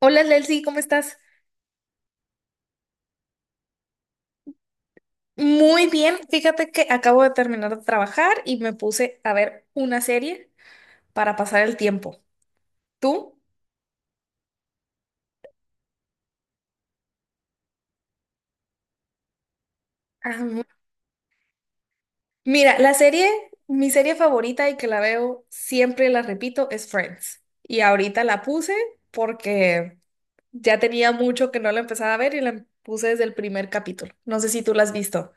Hola Lelsi, ¿cómo estás? Muy bien, fíjate que acabo de terminar de trabajar y me puse a ver una serie para pasar el tiempo. ¿Tú? Ah, mu- mira, la serie, mi serie favorita y que la veo siempre, la repito, es Friends. Y ahorita la puse porque ya tenía mucho que no la empezaba a ver y la puse desde el primer capítulo. No sé si tú la has visto.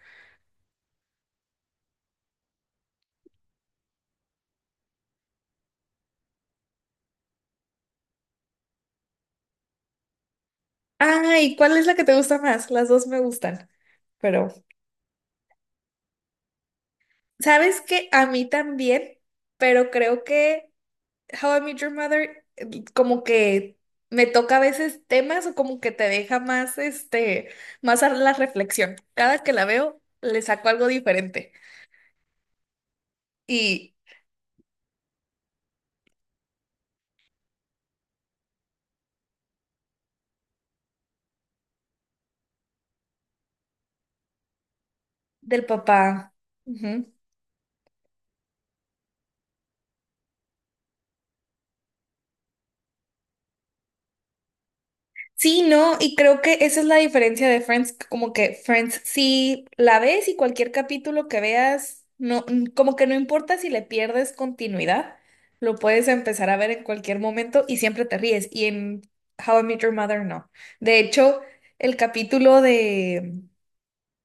Ay, ¿cuál es la que te gusta más? Las dos me gustan, pero ¿sabes qué? A mí también, pero creo que... How I Met Your Mother, como que me toca a veces temas o como que te deja más, este, más a la reflexión. Cada que la veo, le saco algo diferente. Y del papá. Sí, no, y creo que esa es la diferencia de Friends, como que Friends, si la ves y cualquier capítulo que veas, no, como que no importa si le pierdes continuidad, lo puedes empezar a ver en cualquier momento y siempre te ríes. Y en How I Met Your Mother, no. De hecho, el capítulo de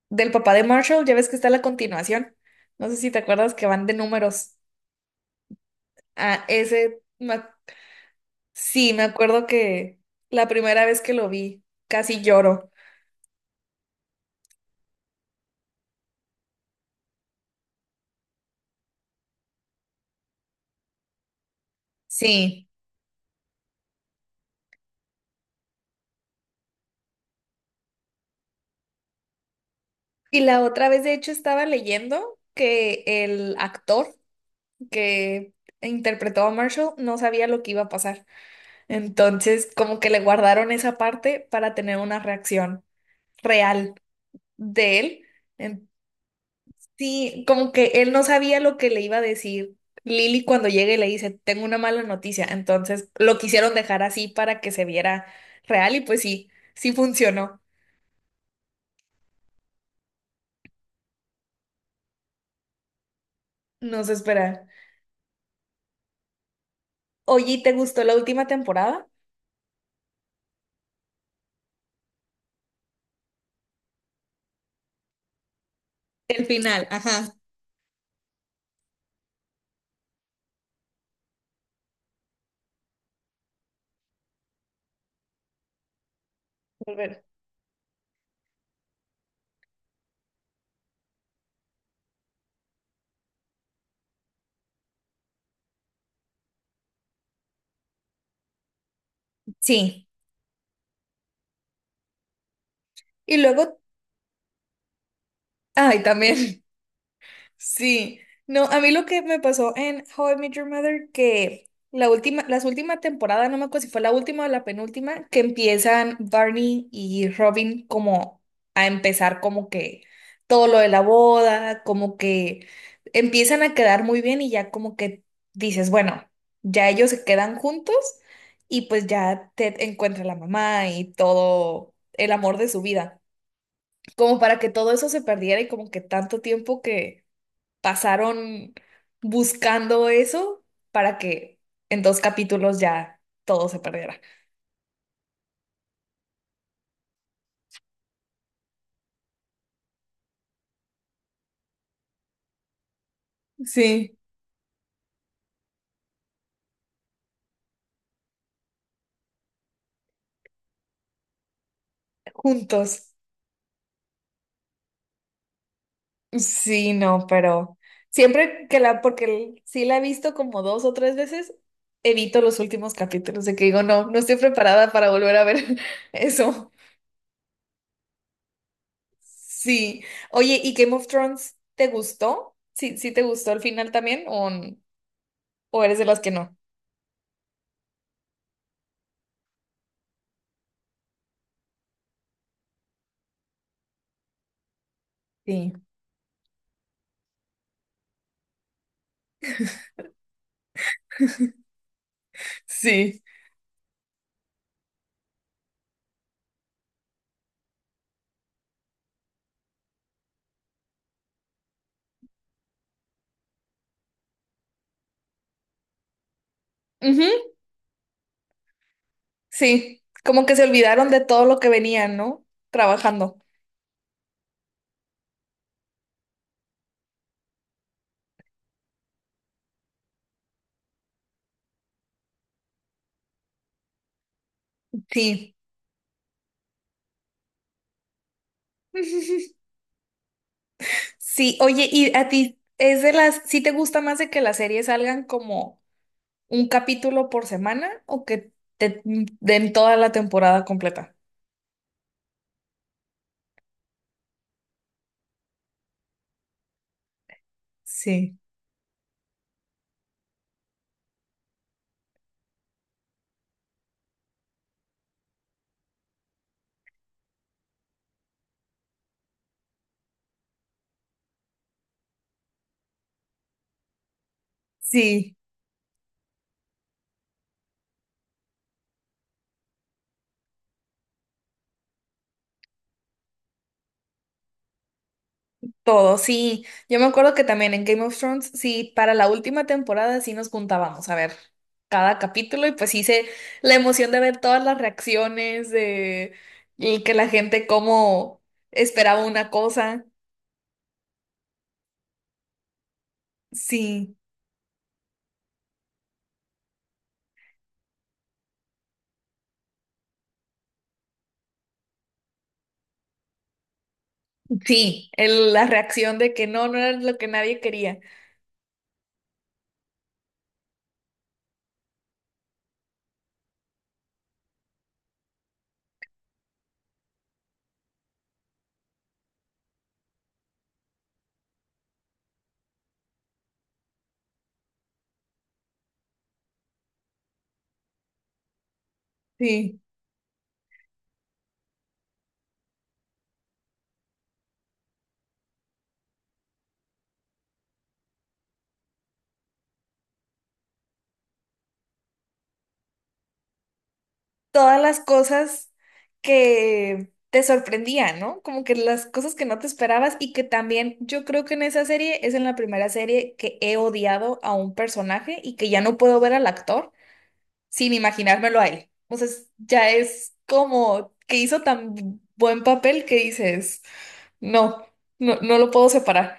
del papá de Marshall, ya ves que está la continuación. No sé si te acuerdas que van de números a ese. Sí, me acuerdo que la primera vez que lo vi, casi lloro. Sí. Y la otra vez, de hecho, estaba leyendo que el actor que interpretó a Marshall no sabía lo que iba a pasar. Entonces, como que le guardaron esa parte para tener una reacción real de él. En- Sí, como que él no sabía lo que le iba a decir Lily cuando llegue y le dice, tengo una mala noticia. Entonces, lo quisieron dejar así para que se viera real y pues sí, sí funcionó. No se espera. Oye, ¿y te gustó la última temporada? El final, ajá. Volver. Sí. Y luego, ay, también, sí. No, a mí lo que me pasó en How I Met Your Mother, que la última, las últimas temporadas, no me acuerdo si fue la última o la penúltima, que empiezan Barney y Robin como a empezar como que todo lo de la boda, como que empiezan a quedar muy bien y ya como que dices, bueno, ya ellos se quedan juntos y pues ya Ted encuentra a la mamá y todo el amor de su vida. Como para que todo eso se perdiera y como que tanto tiempo que pasaron buscando eso para que en dos capítulos ya todo se perdiera. Sí. Juntos. Sí, no, pero siempre que la, porque sí la he visto como dos o tres veces, evito los últimos capítulos de que digo, no, no estoy preparada para volver a ver eso. Sí. Oye, ¿y Game of Thrones te gustó? ¿Sí, sí te gustó el final también o eres de las que no? Sí. Sí. Ujú. Sí, como que se olvidaron de todo lo que venían, ¿no? Trabajando. Sí. Sí, oye, ¿y a ti es de las, sí te gusta más de que las series salgan como un capítulo por semana o que te den toda la temporada completa? Sí, sí. Todo, sí. Yo me acuerdo que también en Game of Thrones, sí, para la última temporada sí nos juntábamos a ver cada capítulo y pues hice la emoción de ver todas las reacciones de y que la gente como esperaba una cosa. Sí, sí, la reacción de que no, no era lo que nadie quería. Sí. Todas las cosas que te sorprendían, ¿no? Como que las cosas que no te esperabas y que también yo creo que en esa serie es en la primera serie que he odiado a un personaje y que ya no puedo ver al actor sin imaginármelo a él. Entonces ya es como que hizo tan buen papel que dices, no, no, no lo puedo separar.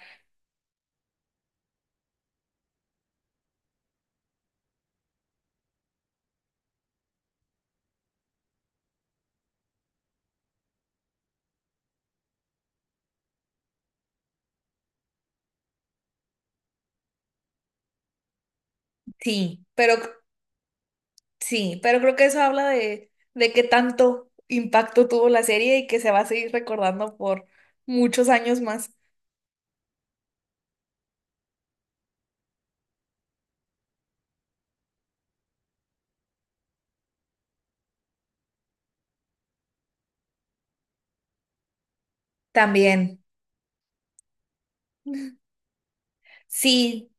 Sí, pero sí, pero creo que eso habla de qué tanto impacto tuvo la serie y que se va a seguir recordando por muchos años más. También. Sí,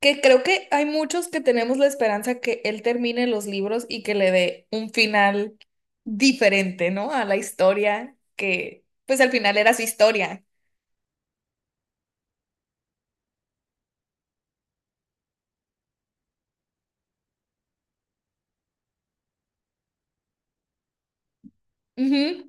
que creo que hay muchos que tenemos la esperanza que él termine los libros y que le dé un final diferente, ¿no? A la historia, que pues al final era su historia. Ujú.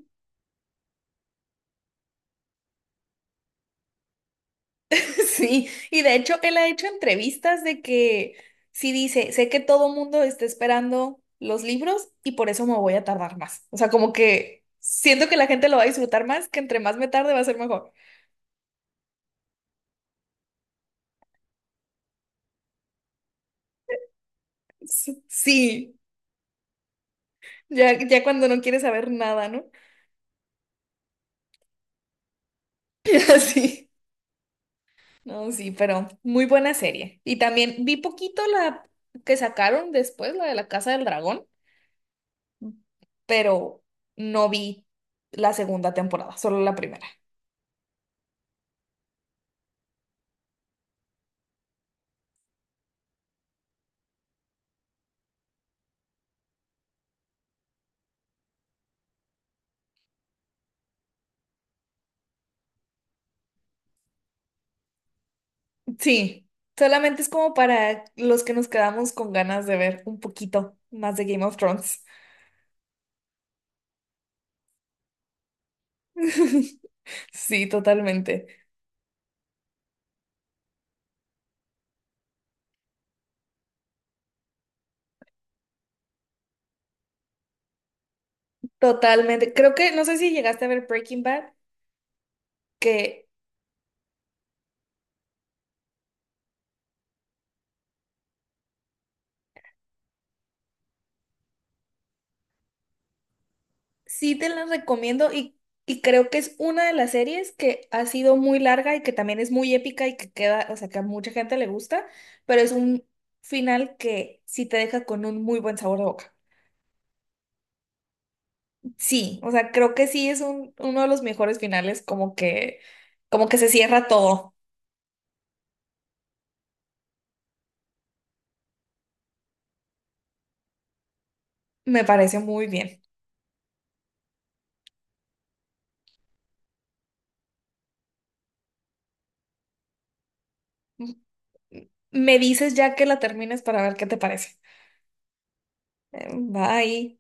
Sí, y de hecho él ha hecho entrevistas de que sí dice, sé que todo mundo está esperando los libros y por eso me voy a tardar más. O sea, como que siento que la gente lo va a disfrutar más, que entre más me tarde va a ser mejor. Sí, ya, ya cuando no quiere saber nada, ¿no? Así. No, sí, pero muy buena serie. Y también vi poquito la que sacaron después, la de la Casa del Dragón, pero no vi la segunda temporada, solo la primera. Sí, solamente es como para los que nos quedamos con ganas de ver un poquito más de Game of Thrones. Sí, totalmente. Totalmente. Creo que, no sé si llegaste a ver Breaking Bad, que sí te la recomiendo y creo que es una de las series que ha sido muy larga y que también es muy épica y que queda, o sea, que a mucha gente le gusta, pero es un final que sí te deja con un muy buen sabor de boca. Sí, o sea, creo que sí es un, uno de los mejores finales, como que se cierra todo. Me parece muy bien. M- Me dices ya que la termines para ver qué te parece. Bye.